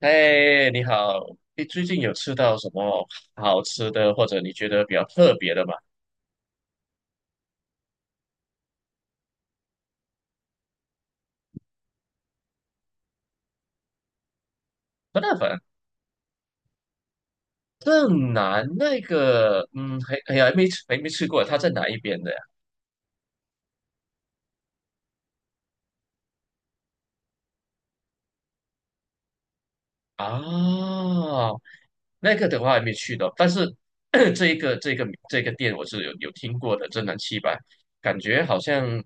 哎，你好，你最近有吃到什么好吃的，或者你觉得比较特别的吗？不大粉正南那个，嗯，还哎呀，还没吃，还没吃过，他在哪一边的呀？啊，那个的话还没去到，但是 这一个这个这个店我是有听过的，正南七百，感觉好像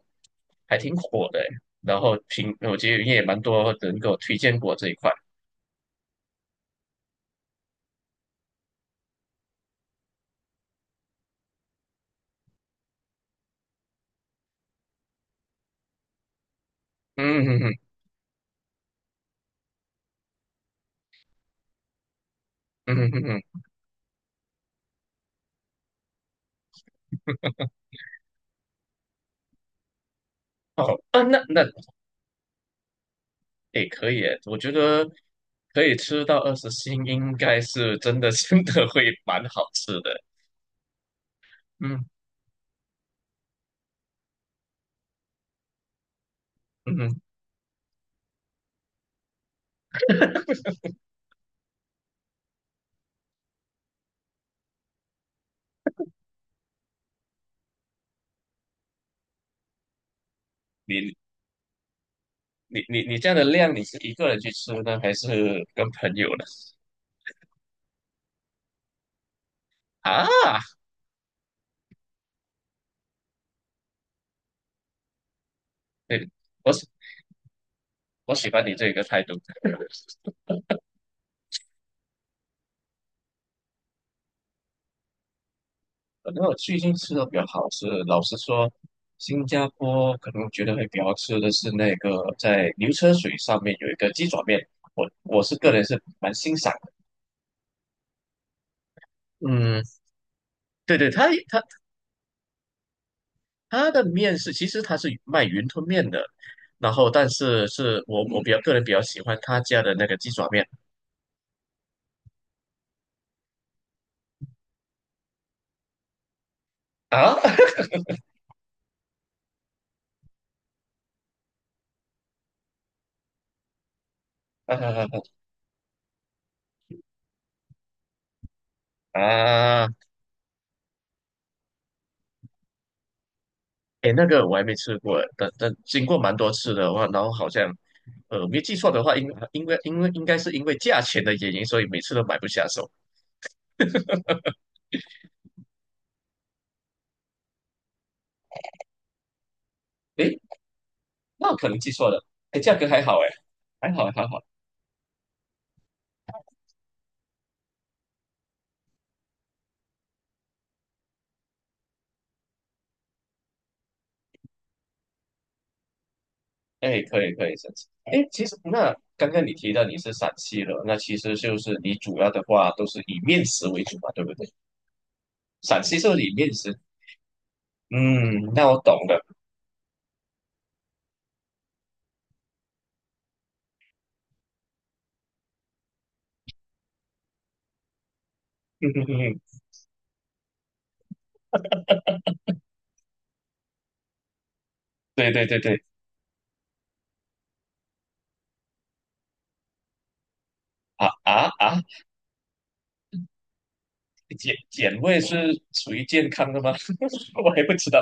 还挺火的诶，然后挺，我觉得也蛮多人给我推荐过这一块，嗯哼哼，嗯哼哼哼。哦，啊，那那诶，可以耶，我觉得可以吃到二十星，应该是真的 真的会蛮好吃的。嗯嗯哼你你这样的量，你是一个人去吃呢，还是跟朋友呢？啊，对，我喜我喜欢你这个态度。可能我最近吃的比较好吃的老实说，新加坡可能我觉得会比较好吃的是那个在牛车水上面有一个鸡爪面，我是个人是蛮欣赏的。嗯，对对，他他。它的面是，其实它是卖云吞面的，然后但是是我比较个人比较喜欢他家的那个鸡爪面啊 啊啊，哎，那个我还没吃过，但但经过蛮多次的话，然后好像没记错的话，应该因为应该是因为价钱的原因，所以每次都买不下手。哎，那我可能记错了，哎，价格还好哎，还好还好，哎，可以可以，甚至哎，其实那刚刚你提到你是陕西的，那其实就是你主要的话都是以面食为主嘛，对不对？陕西这里面食，嗯，那我懂了。对对对对，啊啊啊，碱碱味是属于健康的吗？我也不知道，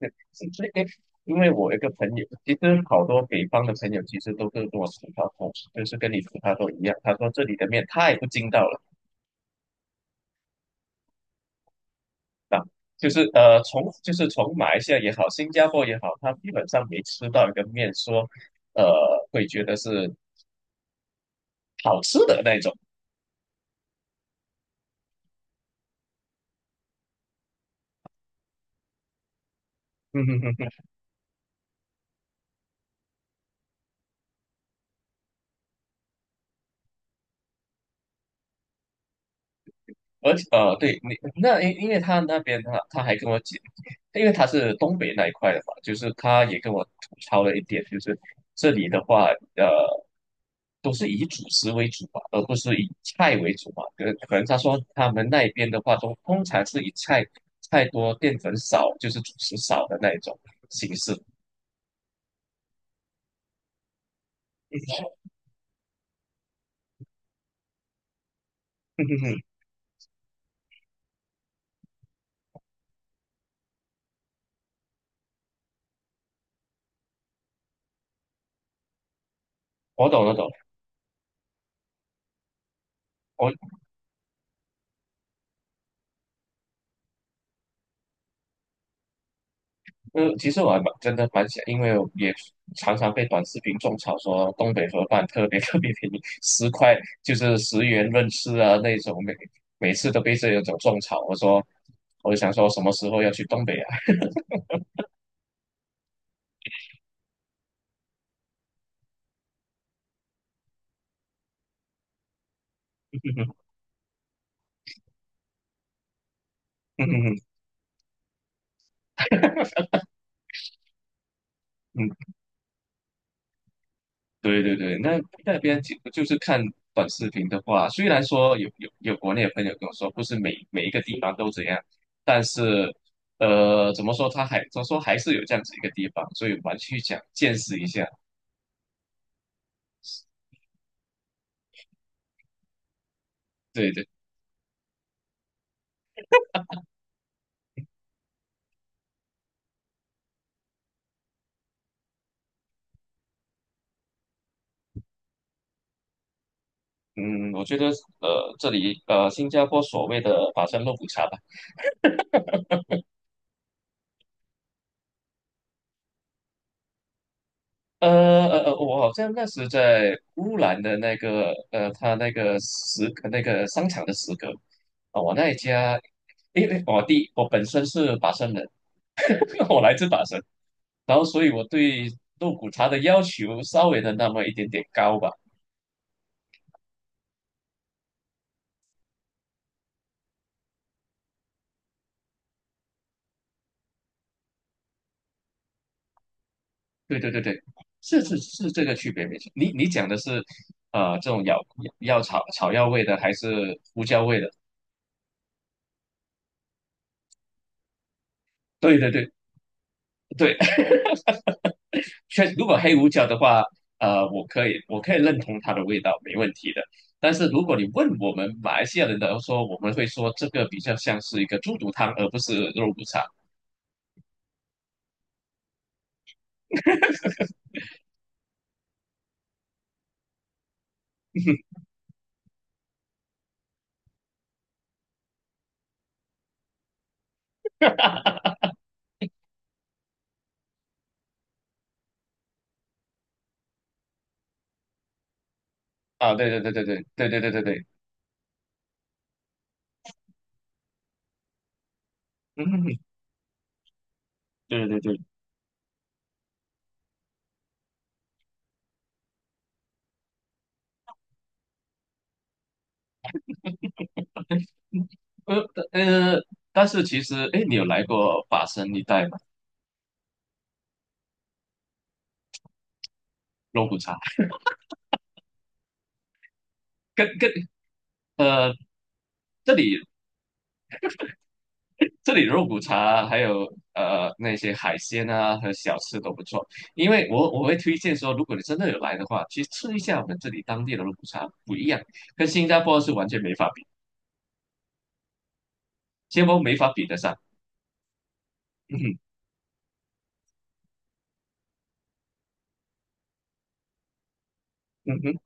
是这个因为我有一个朋友，其实好多北方的朋友其实都是跟我吐槽同，就是跟你吐槽都一样。他说这里的面太不筋道了啊，就是从马来西亚也好，新加坡也好，他基本上没吃到一个面说，呃，会觉得是好吃的那种。而且对你那因为他那边他还跟我讲，因为他是东北那一块的嘛，就是他也跟我吐槽了一点，就是这里的话，呃，都是以主食为主嘛，而不是以菜为主嘛。可能他说他们那边的话，都通常是菜多、淀粉少，就是主食少的那一种形式。我懂，我懂，我嗯，其实我还蛮真的蛮想，因为我也常常被短视频种草说东北盒饭特别 特别便宜，十块就是十元论吃啊那种，每次都被这种种草。我说，我就想说什么时候要去东北啊？嗯嗯嗯，对对对，那那边就就是看短视频的话，虽然说有国内的朋友跟我说，不是每一个地方都这样，但是怎么说，他说还是有这样子一个地方，所以我们去想见识一下。对对。嗯，我觉得这里新加坡所谓的法餐肉骨茶吧，我好像那时在乌兰的那个他那个食那个商场的食阁，啊、我那一家，因为我本身是法生人，我来自法生，然后所以我对肉骨茶的要求稍微的那么一点点高吧，对对对对，是这个区别没错，你讲的是这种药草草药味的还是胡椒味的？对对对。对，如果黑胡椒的话，我可以认同它的味道，没问题的。但是如果你问我们马来西亚人的说，我们会说这个比较像是一个猪肚汤，而不是肉骨茶。啊，对对对对对对对对对对，嗯，对对对，呃呃，但是其实，哎，你有来过法生一带吗？肉骨茶跟跟呃，这里这里肉骨茶啊还有那些海鲜啊和小吃都不错，因为我会推荐说，如果你真的有来的话，去吃一下我们这里当地的肉骨茶，不一样，跟新加坡是完全没法比，新加坡没法比得上。嗯哼嗯哼，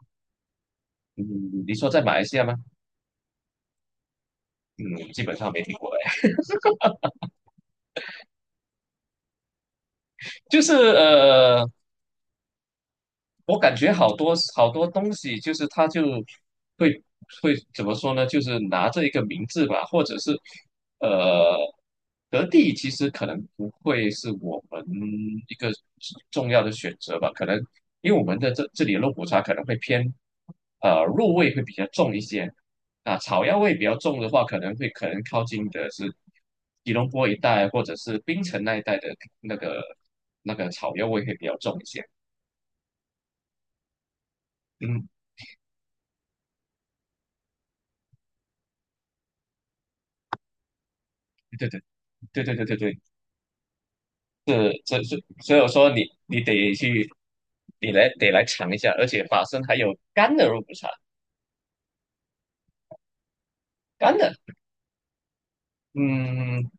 嗯，你说在马来西亚吗？嗯，基本上没听过哎，就是呃，我感觉好多好多东西，就是他就会会怎么说呢？就是拿着一个名字吧，或者是呃，德地其实可能不会是我们一个重要的选择吧，可能因为我们的这里的肉骨茶可能会偏肉味会比较重一些，啊，草药味比较重的话，可能靠近的是吉隆坡一带或者是槟城那一带的那个那个草药味会比较重一些。嗯，对对对。对对对对对，这这是，所以我说你你得去，得来尝一下，而且法式还有干的肉骨茶，干的，嗯，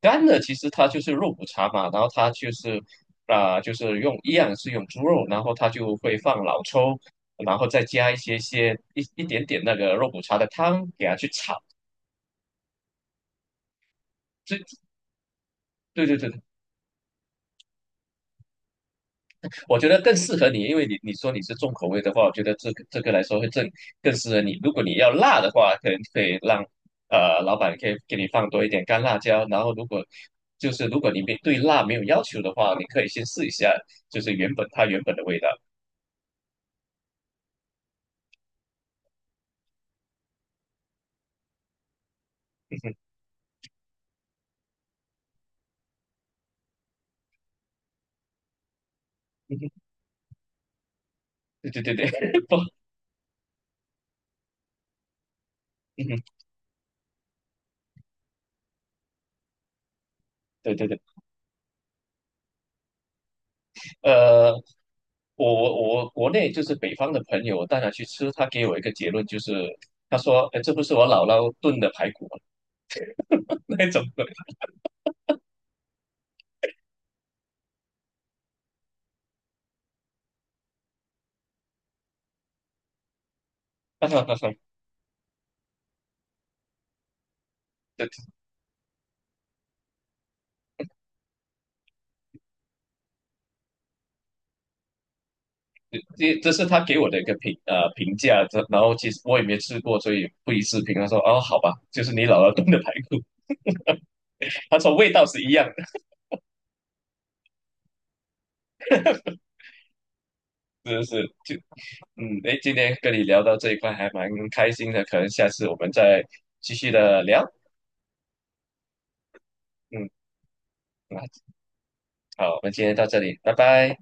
干的其实它就是肉骨茶嘛，然后它就是啊、就是用一样是用猪肉，然后它就会放老抽，然后再加一些一点点那个肉骨茶的汤给它去炒，这对对对我觉得更适合你，因为你说你是重口味的话，我觉得这个来说会更适合你。如果你要辣的话，可能可以让呃老板可以给你放多一点干辣椒。然后如果就是如果你没对辣没有要求的话，你可以先试一下，就是原本的味道。对对对对，不，对对对，呃，我国内就是北方的朋友，我带他去吃，他给我一个结论就是，他说，哎，这不是我姥姥炖的排骨吗？那种的，对 这这是他给我的一个评价，这然后其实我也没吃过，所以不予置评。他说哦，好吧，就是你姥姥炖的排骨，他说味道是一样的，是不是？就嗯，哎，今天跟你聊到这一块还蛮开心的，可能下次我们再继续的聊。嗯，那好，我们今天到这里，拜拜。